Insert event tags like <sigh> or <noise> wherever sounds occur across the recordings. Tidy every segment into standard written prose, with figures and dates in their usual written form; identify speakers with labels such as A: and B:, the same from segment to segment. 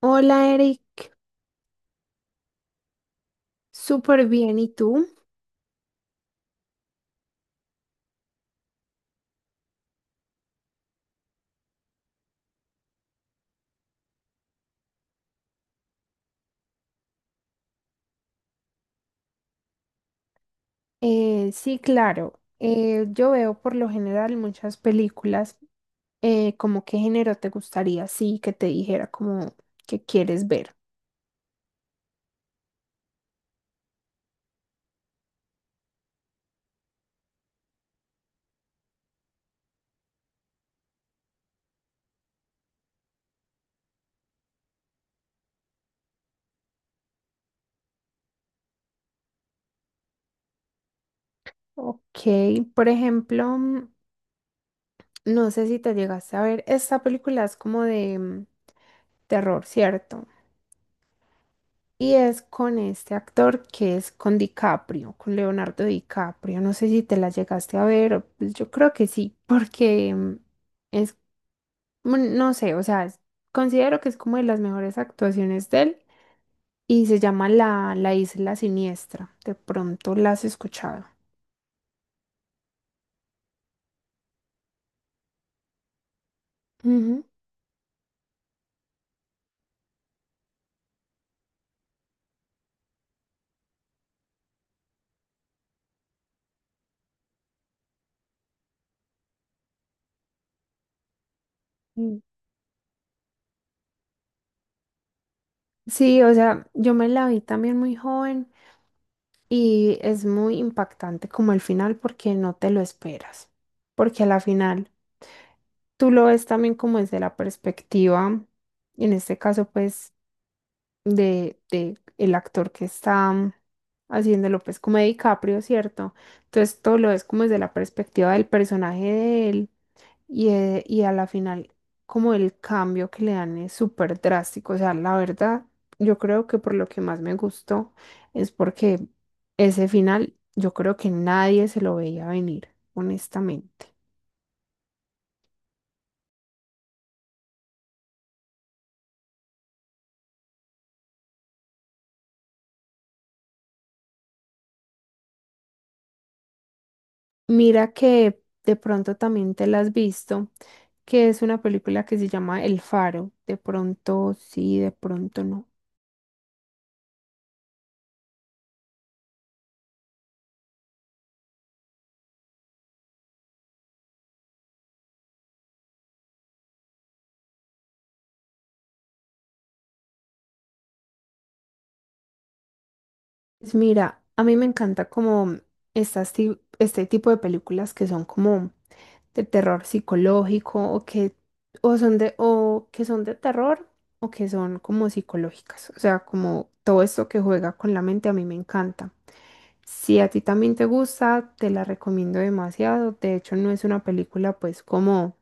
A: Hola Eric, súper bien. ¿Y tú? Sí, claro. Yo veo por lo general muchas películas. ¿Cómo qué género te gustaría? Sí, que te dijera como que quieres ver. Ok, por ejemplo, no sé si te llegaste a ver, esta película es como de terror, ¿cierto? Y es con este actor que es con DiCaprio, con Leonardo DiCaprio. No sé si te la llegaste a ver, pues yo creo que sí, porque es no sé, o sea, considero que es como de las mejores actuaciones de él y se llama la Isla Siniestra. De pronto la has escuchado. Ujú. Mm. Sí, o sea, yo me la vi también muy joven y es muy impactante como el final porque no te lo esperas. Porque a la final tú lo ves también como desde la perspectiva, en este caso pues de el actor que está haciéndolo, pues como de DiCaprio, ¿cierto? Entonces todo lo ves como desde la perspectiva del personaje de él y a la final como el cambio que le dan es súper drástico. O sea, la verdad, yo creo que por lo que más me gustó es porque ese final yo creo que nadie se lo veía venir, honestamente. Mira que de pronto también te la has visto, que es una película que se llama El Faro. De pronto sí, de pronto no. Pues mira, a mí me encanta como este tipo de películas que son como de terror psicológico o que o que son de terror o que son como psicológicas. O sea, como todo esto que juega con la mente a mí me encanta. Si a ti también te gusta, te la recomiendo demasiado. De hecho, no es una película pues como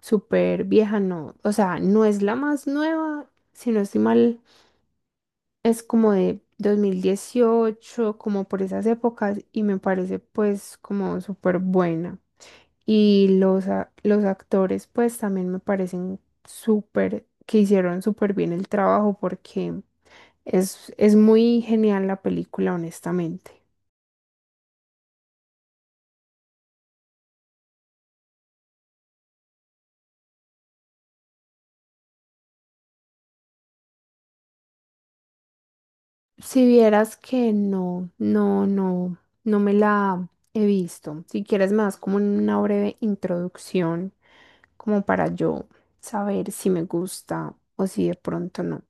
A: súper vieja, no. O sea, no es la más nueva, si no estoy mal, es como de 2018, como por esas épocas, y me parece pues como súper buena. Y los actores pues también me parecen súper, que hicieron súper bien el trabajo porque es muy genial la película, honestamente. Si vieras que no, no me la he visto. Si quieres más como una breve introducción, como para yo saber si me gusta o si de pronto no.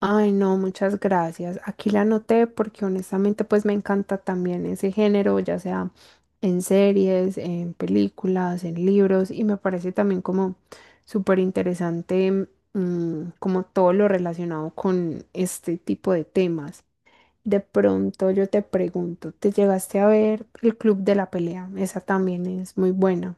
A: Ay, no, muchas gracias. Aquí la anoté porque honestamente pues me encanta también ese género, ya sea en series, en películas, en libros y me parece también como súper interesante, como todo lo relacionado con este tipo de temas. De pronto yo te pregunto, ¿te llegaste a ver el Club de la Pelea? Esa también es muy buena.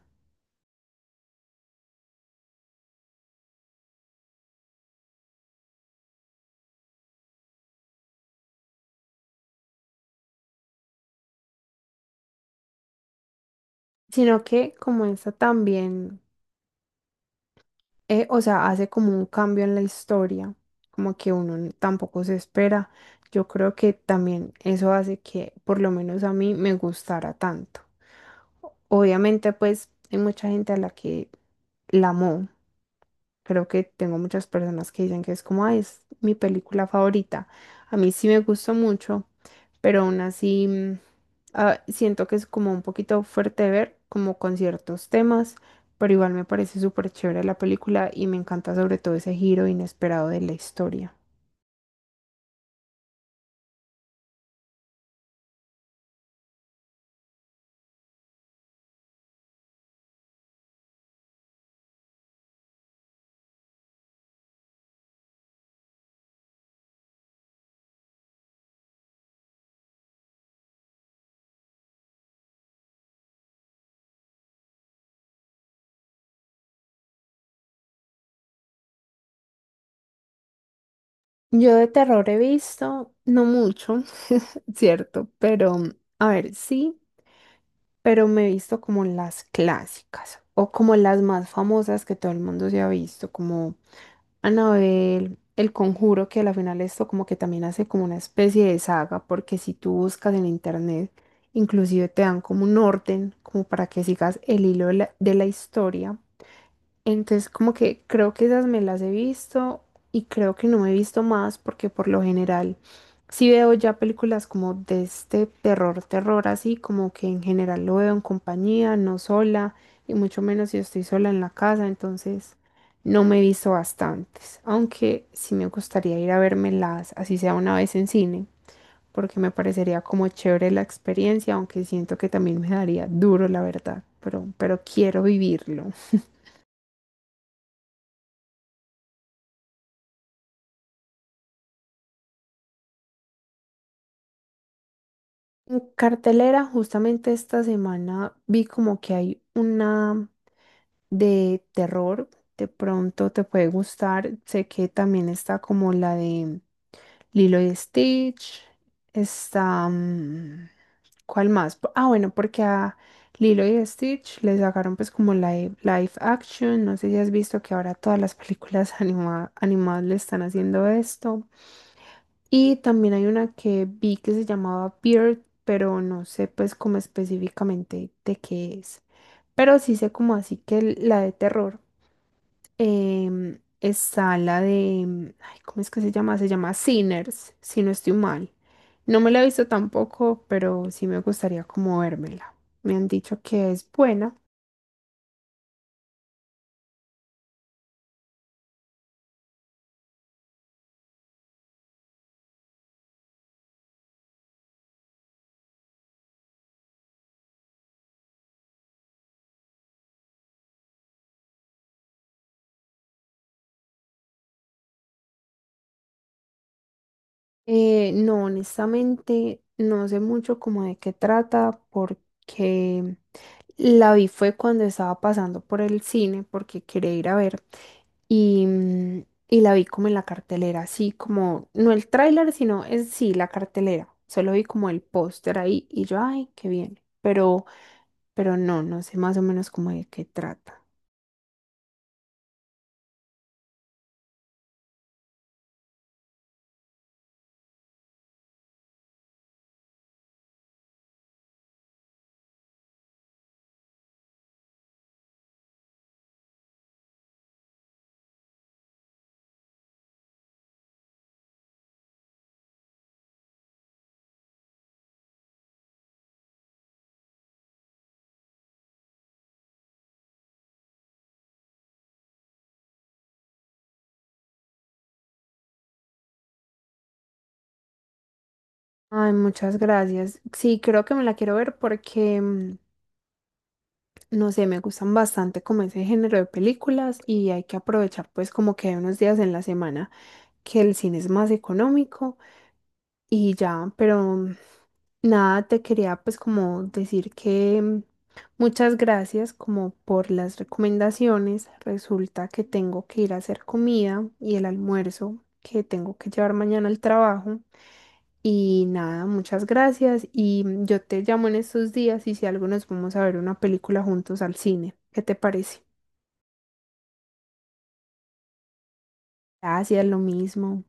A: Sino que como esa también, o sea, hace como un cambio en la historia, como que tampoco se espera. Yo creo que también eso hace que por lo menos a mí me gustara tanto. Obviamente, pues hay mucha gente a la que la amó. Creo que tengo muchas personas que dicen que es como, "Ay, es mi película favorita". A mí sí me gustó mucho, pero aún así, siento que es como un poquito fuerte de ver, como con ciertos temas, pero igual me parece súper chévere la película y me encanta sobre todo ese giro inesperado de la historia. Yo de terror he visto, no mucho, <laughs> cierto, pero a ver, sí, pero me he visto como las clásicas o como las más famosas que todo el mundo se ha visto, como Anabel, El Conjuro, que a la final esto como que también hace como una especie de saga, porque si tú buscas en internet, inclusive te dan como un orden, como para que sigas el hilo de la historia. Entonces, como que creo que esas me las he visto y creo que no me he visto más porque por lo general sí veo ya películas como de este terror, terror así, como que en general lo veo en compañía, no sola y mucho menos si estoy sola en la casa, entonces no me he visto bastantes, aunque sí me gustaría ir a vermelas, así sea una vez en cine, porque me parecería como chévere la experiencia, aunque siento que también me daría duro, la verdad, pero quiero vivirlo. En cartelera, justamente esta semana vi como que hay una de terror, de pronto te puede gustar. Sé que también está como la de Lilo y Stitch, está... ¿Cuál más? Ah, bueno, porque a Lilo y Stitch les sacaron pues como live action. No sé si has visto que ahora todas las películas <laughs> animadas le están haciendo esto. Y también hay una que vi que se llamaba Beard, pero no sé pues como específicamente de qué es. Pero sí sé como así que la de terror, está la de, ay, ¿cómo es que se llama? Se llama Sinners, si no estoy mal. No me la he visto tampoco, pero sí me gustaría como vérmela. Me han dicho que es buena. No, honestamente, no sé mucho como de qué trata porque la vi fue cuando estaba pasando por el cine porque quería ir a ver y, y la vi como en la cartelera, así como, no el tráiler, sino es sí, la cartelera. Solo vi como el póster ahí y yo, ay, qué bien. Pero no, no sé más o menos como de qué trata. Ay, muchas gracias. Sí, creo que me la quiero ver porque no sé, me gustan bastante como ese género de películas y hay que aprovechar pues como que hay unos días en la semana que el cine es más económico y ya, pero nada, te quería pues como decir que muchas gracias como por las recomendaciones. Resulta que tengo que ir a hacer comida y el almuerzo que tengo que llevar mañana al trabajo. Y nada, muchas gracias. Y yo te llamo en estos días y si algo nos vamos a ver una película juntos al cine. ¿Qué te parece? Gracias, lo mismo.